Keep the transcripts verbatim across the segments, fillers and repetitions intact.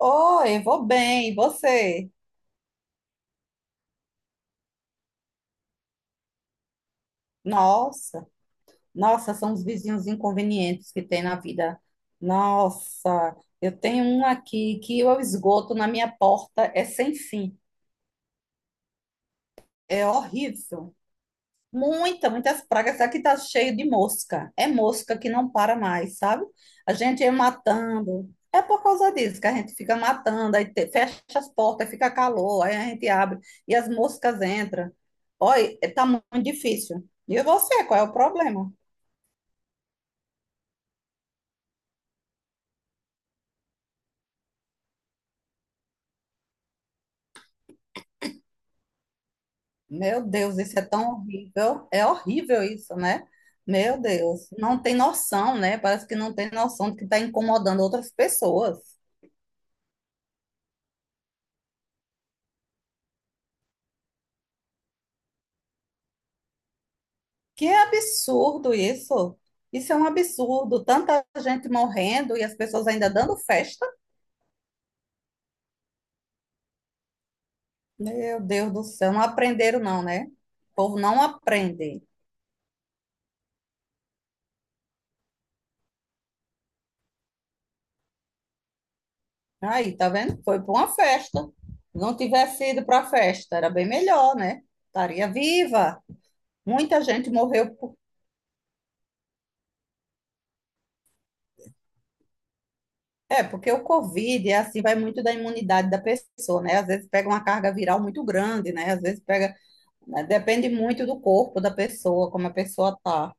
Oi, vou bem, e você? Nossa, nossa, são os vizinhos inconvenientes que tem na vida. Nossa, eu tenho um aqui que o esgoto na minha porta é sem fim, é horrível. Muita, muitas pragas. Aqui tá cheio de mosca. É mosca que não para mais, sabe? A gente é matando. É por causa disso que a gente fica matando, aí te- fecha as portas, fica calor, aí a gente abre e as moscas entram. Olha, é, tá muito difícil. E você, qual é o problema? Meu Deus, isso é tão horrível. É horrível isso, né? Meu Deus, não tem noção, né? Parece que não tem noção de que está incomodando outras pessoas. Que absurdo isso! Isso é um absurdo. Tanta gente morrendo e as pessoas ainda dando festa. Meu Deus do céu, não aprenderam não, né? O povo não aprende. Aí, tá vendo? Foi para uma festa. Não tivesse ido para a festa, era bem melhor, né? Estaria viva. Muita gente morreu por... É, porque o Covid é assim, vai muito da imunidade da pessoa, né? Às vezes pega uma carga viral muito grande, né? Às vezes pega... né? Depende muito do corpo da pessoa, como a pessoa tá.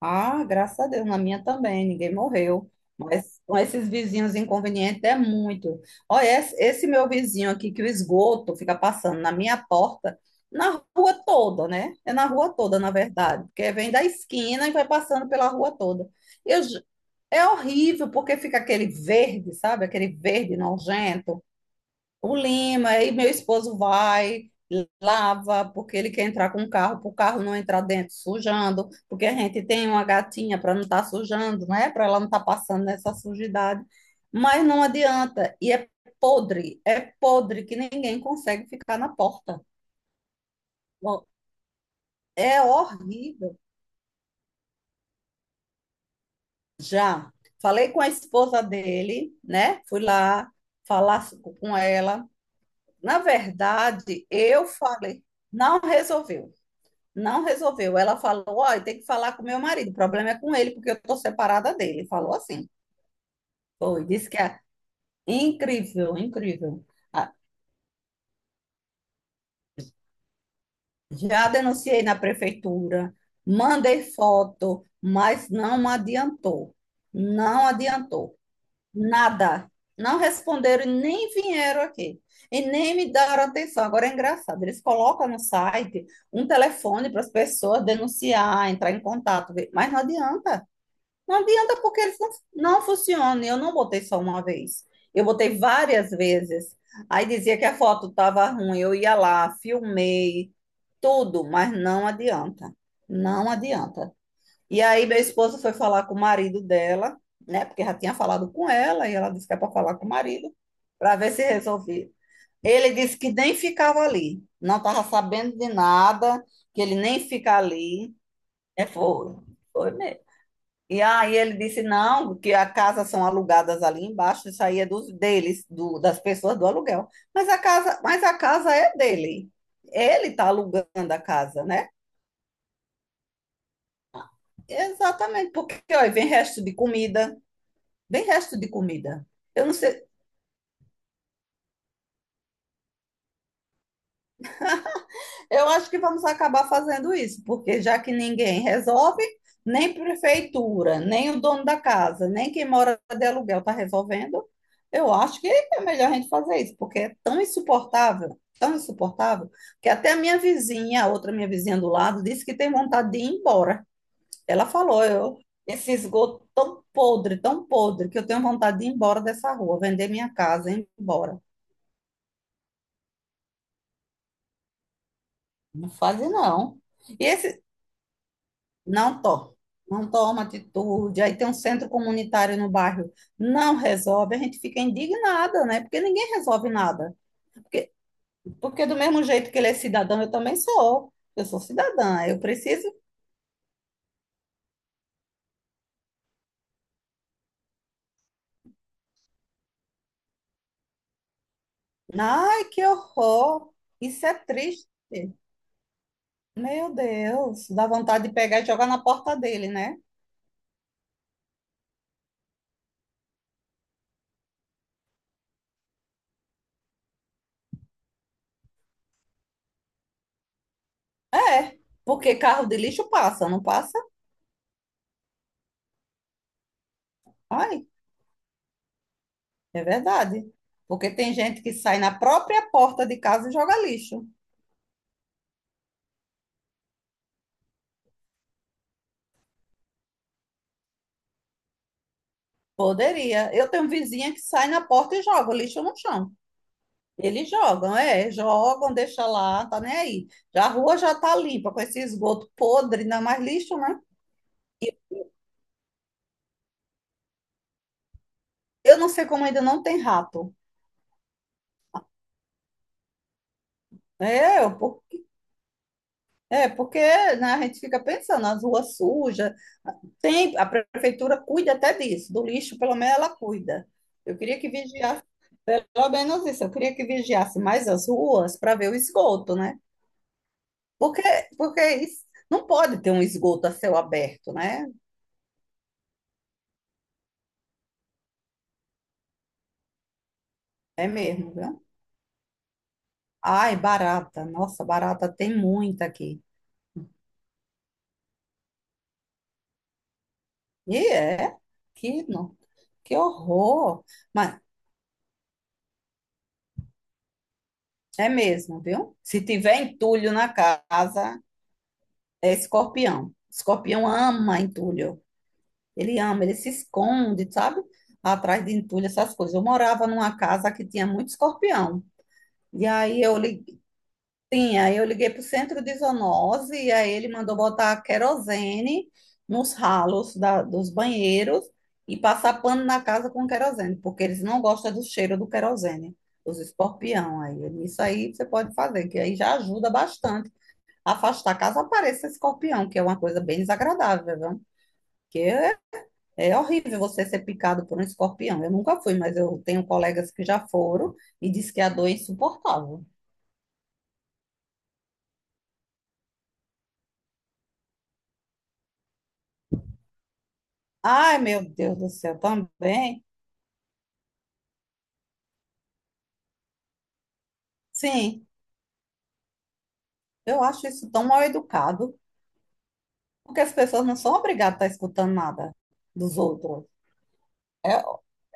Ah, graças a Deus, na minha também, ninguém morreu. Mas com esses vizinhos inconvenientes é muito. Olha, esse, esse meu vizinho aqui que o esgoto fica passando na minha porta, na rua toda, né? É na rua toda, na verdade, porque vem da esquina e vai passando pela rua toda. Eu, j- é horrível porque fica aquele verde, sabe? Aquele verde nojento, o Lima. Aí meu esposo vai, lava, porque ele quer entrar com o carro, para o carro não entrar dentro sujando, porque a gente tem uma gatinha para não estar sujando, né? Para ela não estar passando nessa sujidade. Mas não adianta, e é podre, é podre que ninguém consegue ficar na porta. Bom, é horrível. Já falei com a esposa dele, né? Fui lá falar com ela. Na verdade, eu falei, não resolveu. Não resolveu. Ela falou: ó, eu tenho que falar com meu marido. O problema é com ele, porque eu tô separada dele. Falou assim. Foi. Disse que é incrível, incrível. Ah, já denunciei na prefeitura, mandei foto, mas não adiantou. Não adiantou. Nada. Não responderam e nem vieram aqui. E nem me deram atenção. Agora é engraçado. Eles colocam no site um telefone para as pessoas denunciar, entrar em contato, mas não adianta. Não adianta porque eles não, não funcionam. Eu não botei só uma vez. Eu botei várias vezes. Aí dizia que a foto estava ruim. Eu ia lá, filmei, tudo, mas não adianta. Não adianta. E aí meu esposo foi falar com o marido dela, né? Porque já tinha falado com ela, e ela disse que é para falar com o marido, para ver se resolvia. Ele disse que nem ficava ali, não estava sabendo de nada, que ele nem fica ali. É, foi, foi mesmo. E aí ele disse, não, que as casas são alugadas ali embaixo, isso aí é dos deles, do, das pessoas do aluguel. Mas a casa, mas a casa é dele. Ele está alugando a casa, né? Exatamente, porque ó, vem resto de comida, vem resto de comida. Eu não sei, eu acho que vamos acabar fazendo isso, porque já que ninguém resolve, nem prefeitura, nem o dono da casa, nem quem mora de aluguel está resolvendo, eu acho que é melhor a gente fazer isso, porque é tão insuportável, tão insuportável, que até a minha vizinha, a outra minha vizinha do lado, disse que tem vontade de ir embora. Ela falou, eu, esse esgoto tão podre, tão podre, que eu tenho vontade de ir embora dessa rua, vender minha casa e ir embora. Não faz não. E esse Não to, não toma atitude. Aí tem um centro comunitário no bairro, não resolve. A gente fica indignada, né? Porque ninguém resolve nada. Porque, porque do mesmo jeito que ele é cidadão, eu também sou. Eu sou cidadã, eu preciso. Ai, que horror! Isso é triste. Meu Deus, dá vontade de pegar e jogar na porta dele, né? É, porque carro de lixo passa, não passa? Ai, é verdade. Porque tem gente que sai na própria porta de casa e joga lixo. Poderia. Eu tenho vizinha que sai na porta e joga o lixo no chão. Eles jogam, é, jogam, deixa lá, tá nem aí. Já a rua já tá limpa com esse esgoto podre, ainda mais lixo, né? Eu não sei como ainda não tem rato. É, eu por- é porque né, a gente fica pensando, as ruas sujas, tem, a prefeitura cuida até disso, do lixo, pelo menos ela cuida. Eu queria que vigiasse, pelo menos isso, eu queria que vigiasse mais as ruas para ver o esgoto, né? Porque, porque é isso, não pode ter um esgoto a céu aberto, né? É mesmo, viu? Ai, barata. Nossa, barata tem muita aqui. E é, que, no, que horror. Mas é mesmo, viu? Se tiver entulho na casa, é escorpião. Escorpião ama entulho. Ele ama, ele se esconde, sabe? Atrás de entulho, essas coisas. Eu morava numa casa que tinha muito escorpião. E aí eu liguei. Sim, aí eu liguei para o centro de zoonose e aí ele mandou botar querosene nos ralos da- dos banheiros e passar pano na casa com querosene, porque eles não gostam do cheiro do querosene, os escorpião. Aí ele, isso aí você pode fazer, que aí já ajuda bastante a afastar caso apareça escorpião, que é uma coisa bem desagradável, viu? Porque é, é horrível você ser picado por um escorpião. Eu nunca fui, mas eu tenho colegas que já foram e diz que a dor é insuportável. Ai, meu Deus do céu, também. Sim, eu acho isso tão mal educado, porque as pessoas não são obrigadas a estar escutando nada dos outros. É,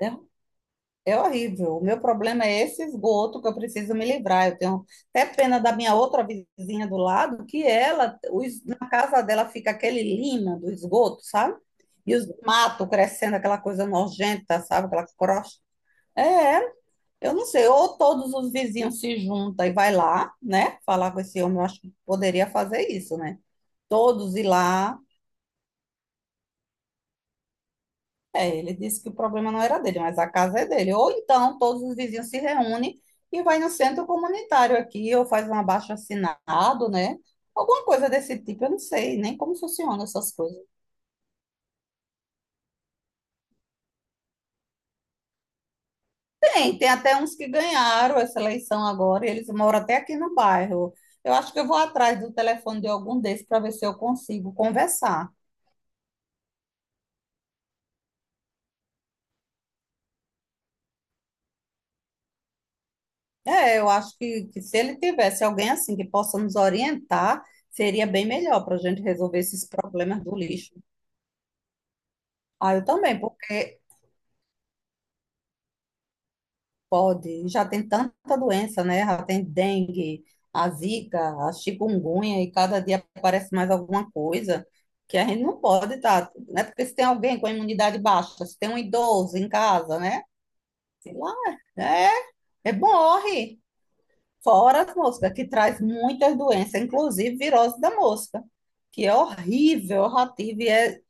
é, é horrível. O meu problema é esse esgoto que eu preciso me livrar. Eu tenho até pena da minha outra vizinha do lado, que ela, os na casa dela fica aquele lima do esgoto, sabe? E os matos crescendo, aquela coisa nojenta, sabe? Aquela crosta. É, eu não sei, ou todos os vizinhos se juntam e vai lá, né? Falar com esse homem, eu acho que poderia fazer isso, né? Todos ir lá. É, ele disse que o problema não era dele, mas a casa é dele. Ou então todos os vizinhos se reúnem e vai no centro comunitário aqui, ou faz um abaixo-assinado, né? Alguma coisa desse tipo, eu não sei nem como funcionam essas coisas. Tem, tem até uns que ganharam essa eleição agora, e eles moram até aqui no bairro. Eu acho que eu vou atrás do telefone de algum desses para ver se eu consigo conversar. É, eu acho que, que se ele tivesse alguém assim que possa nos orientar, seria bem melhor para a gente resolver esses problemas do lixo. Ah, eu também, porque pode, já tem tanta doença, né? Já tem dengue, a zika, a chikungunya, e cada dia aparece mais alguma coisa que a gente não pode estar, né? Porque se tem alguém com a imunidade baixa, se tem um idoso em casa, né? Sei lá, é, é bom, morre. Fora as moscas, que traz muitas doenças, inclusive virose da mosca, que é horrível, eu já e é,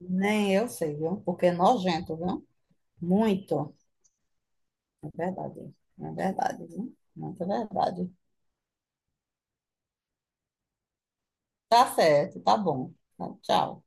nem eu sei, viu? Porque é nojento, viu? Muito. É verdade, é verdade, viu? Muito verdade. Tá certo, tá bom. Tá, tchau.